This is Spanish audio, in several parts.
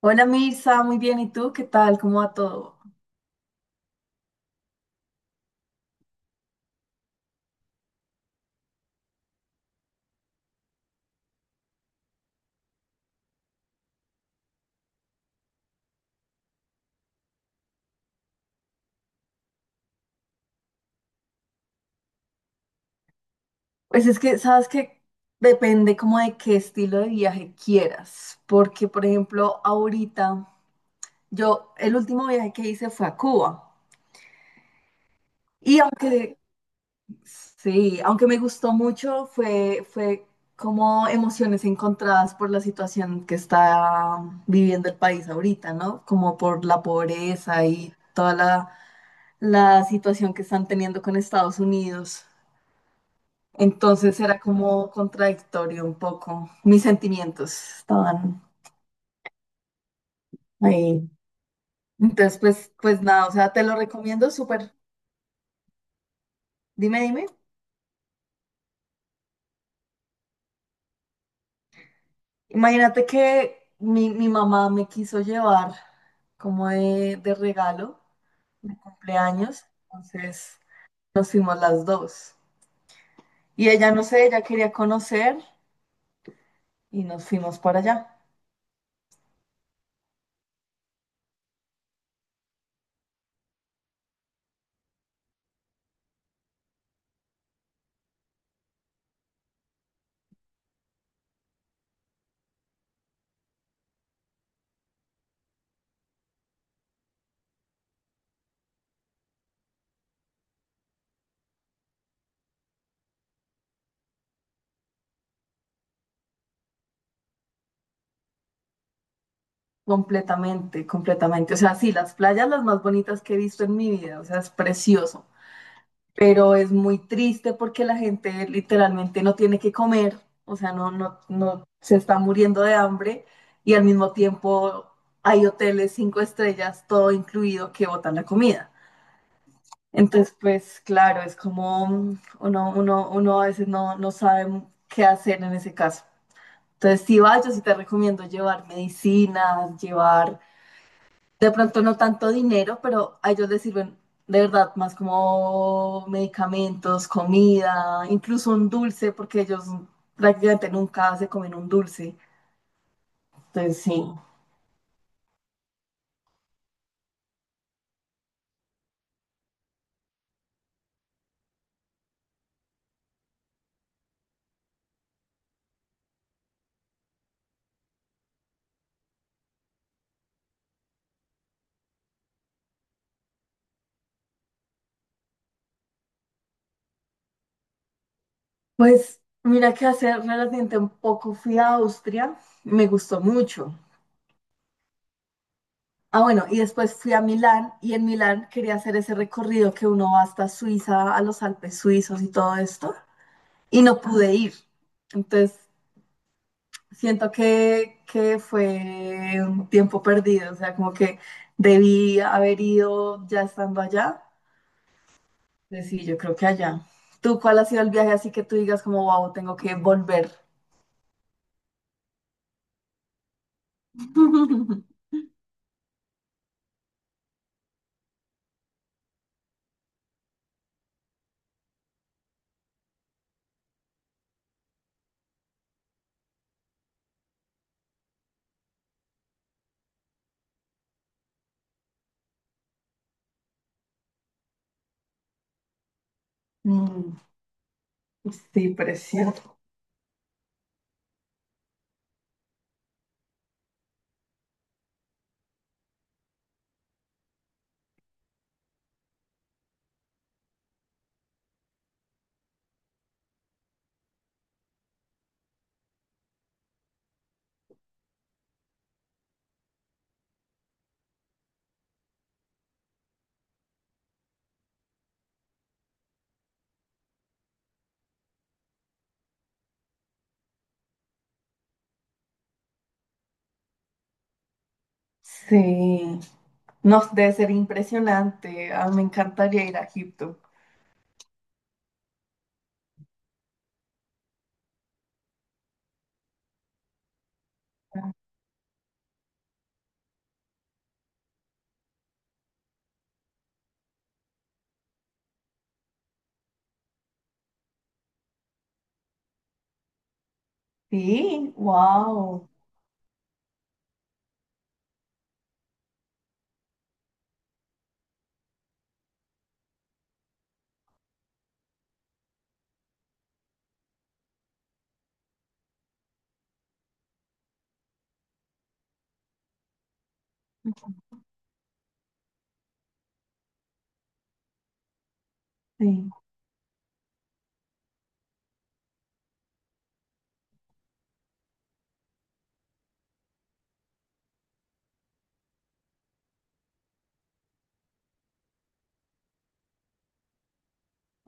Hola Mirza, muy bien. ¿Y tú qué tal? ¿Cómo va todo? Pues es que, sabes que depende como de qué estilo de viaje quieras, porque por ejemplo, ahorita yo el último viaje que hice fue a Cuba y aunque sí, aunque me gustó mucho, fue como emociones encontradas por la situación que está viviendo el país ahorita, ¿no? Como por la pobreza y toda la situación que están teniendo con Estados Unidos. Entonces era como contradictorio un poco. Mis sentimientos estaban ahí. Entonces, pues nada, o sea, te lo recomiendo súper. Dime, dime. Imagínate que mi mamá me quiso llevar como de regalo de cumpleaños. Entonces nos fuimos las dos. Y ella, no sé, ella quería conocer y nos fuimos para allá. Completamente, completamente. O sea, sí, las playas las más bonitas que he visto en mi vida. O sea, es precioso. Pero es muy triste porque la gente literalmente no tiene que comer, o sea, no se está muriendo de hambre y al mismo tiempo hay hoteles cinco estrellas, todo incluido, que botan la comida. Entonces, pues claro, es como uno a veces no sabe qué hacer en ese caso. Entonces, si vas, yo sí te recomiendo llevar medicinas, llevar de pronto no tanto dinero, pero a ellos les sirven de verdad más como medicamentos, comida, incluso un dulce, porque ellos prácticamente nunca se comen un dulce. Entonces sí. Pues mira que hace relativamente un poco fui a Austria, me gustó mucho. Ah, bueno, y después fui a Milán y en Milán quería hacer ese recorrido que uno va hasta Suiza, a los Alpes suizos y todo esto, y no pude ir. Entonces siento que fue un tiempo perdido, o sea, como que debí haber ido ya estando allá. Pues sí, yo creo que allá. ¿Tú cuál ha sido el viaje así que tú digas como, wow, tengo que volver? Mm. Sí, precioso. Sí, no, debe ser impresionante. Ah, me encantaría ir a Egipto. Sí, wow. Sí.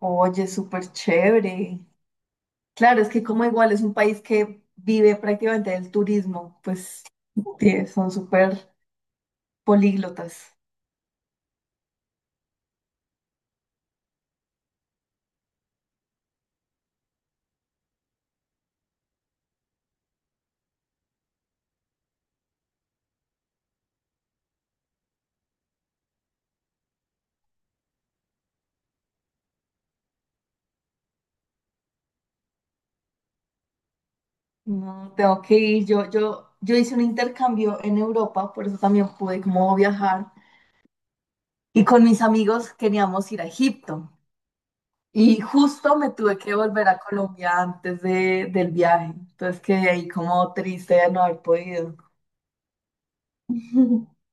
Oye, súper chévere. Claro, es que como igual es un país que vive prácticamente del turismo, pues son súper políglotas. No, tengo que ir. Yo hice un intercambio en Europa, por eso también pude como viajar. Y con mis amigos queríamos ir a Egipto. Y justo me tuve que volver a Colombia antes del viaje. Entonces quedé ahí como triste de no haber podido.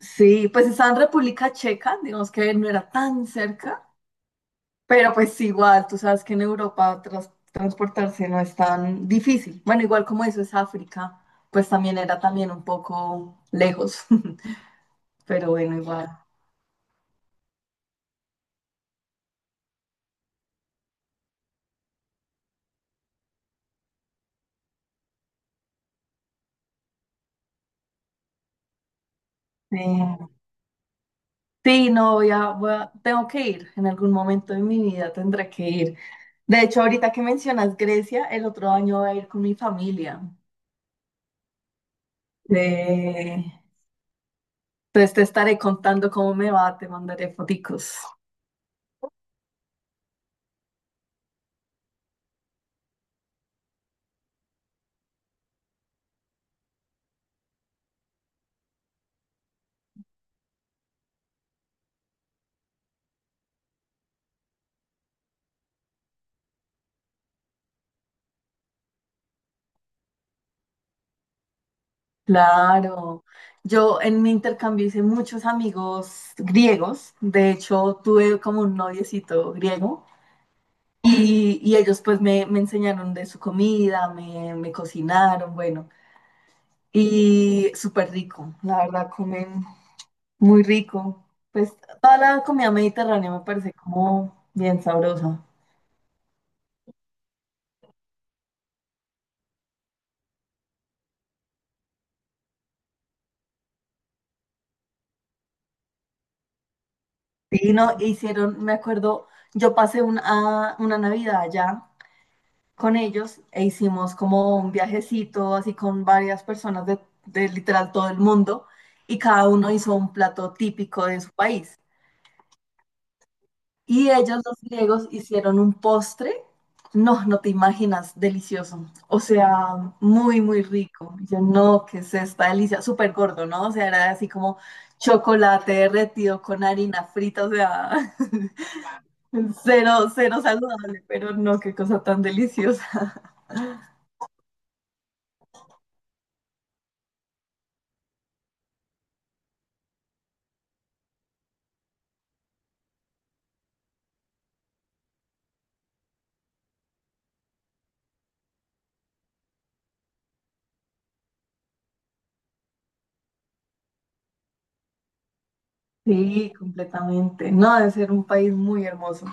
Sí, pues estaba en República Checa, digamos que no era tan cerca. Pero pues igual, tú sabes que en Europa transportarse no es tan difícil. Bueno, igual como eso es África, pues también era también un poco lejos. Pero bueno, igual. Sí. Sí, no, tengo que ir. En algún momento de mi vida tendré que ir. De hecho, ahorita que mencionas Grecia, el otro año voy a ir con mi familia. Eh, entonces te estaré contando cómo me va, te mandaré foticos. Claro, yo en mi intercambio hice muchos amigos griegos, de hecho tuve como un noviecito griego y ellos pues me enseñaron de su comida, me cocinaron, bueno, y súper rico, la verdad comen muy rico, pues toda la comida mediterránea me parece como bien sabrosa. Sí, no, hicieron, me acuerdo, yo pasé una Navidad allá con ellos e hicimos como un viajecito así con varias personas de literal todo el mundo y cada uno hizo un plato típico de su país. Y ellos, los griegos, hicieron un postre, no, no te imaginas, delicioso, o sea, muy, muy rico. Y yo no, qué es esta delicia, súper gordo, ¿no? O sea, era así como chocolate derretido con harina frita, o sea, cero, cero saludable, pero no, qué cosa tan deliciosa. Sí, completamente. No, debe ser un país muy hermoso.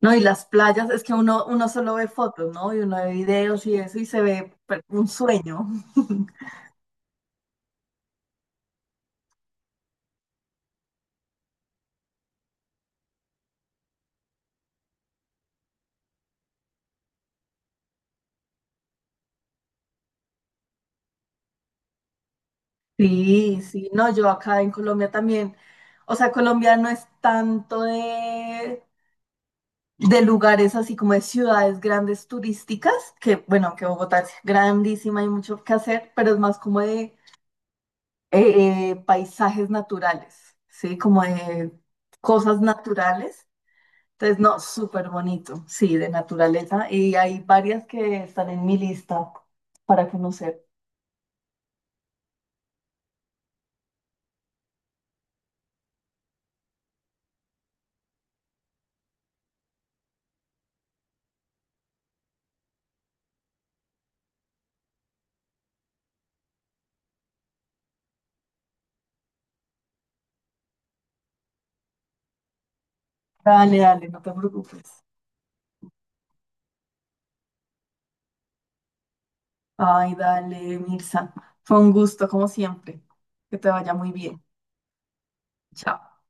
No, y las playas, es que uno, uno solo ve fotos, ¿no? Y uno ve videos y eso y se ve un sueño. Sí, sí, no, yo acá en Colombia también, o sea, Colombia no es tanto de lugares así como de ciudades grandes turísticas, que bueno, que Bogotá es grandísima, hay mucho que hacer, pero es más como de paisajes naturales, ¿sí? Como de cosas naturales. Entonces, no, súper bonito, sí, de naturaleza. Y hay varias que están en mi lista para conocer. Dale, dale, no te preocupes. Ay, dale, Mirza. Fue un gusto, como siempre. Que te vaya muy bien. Chao.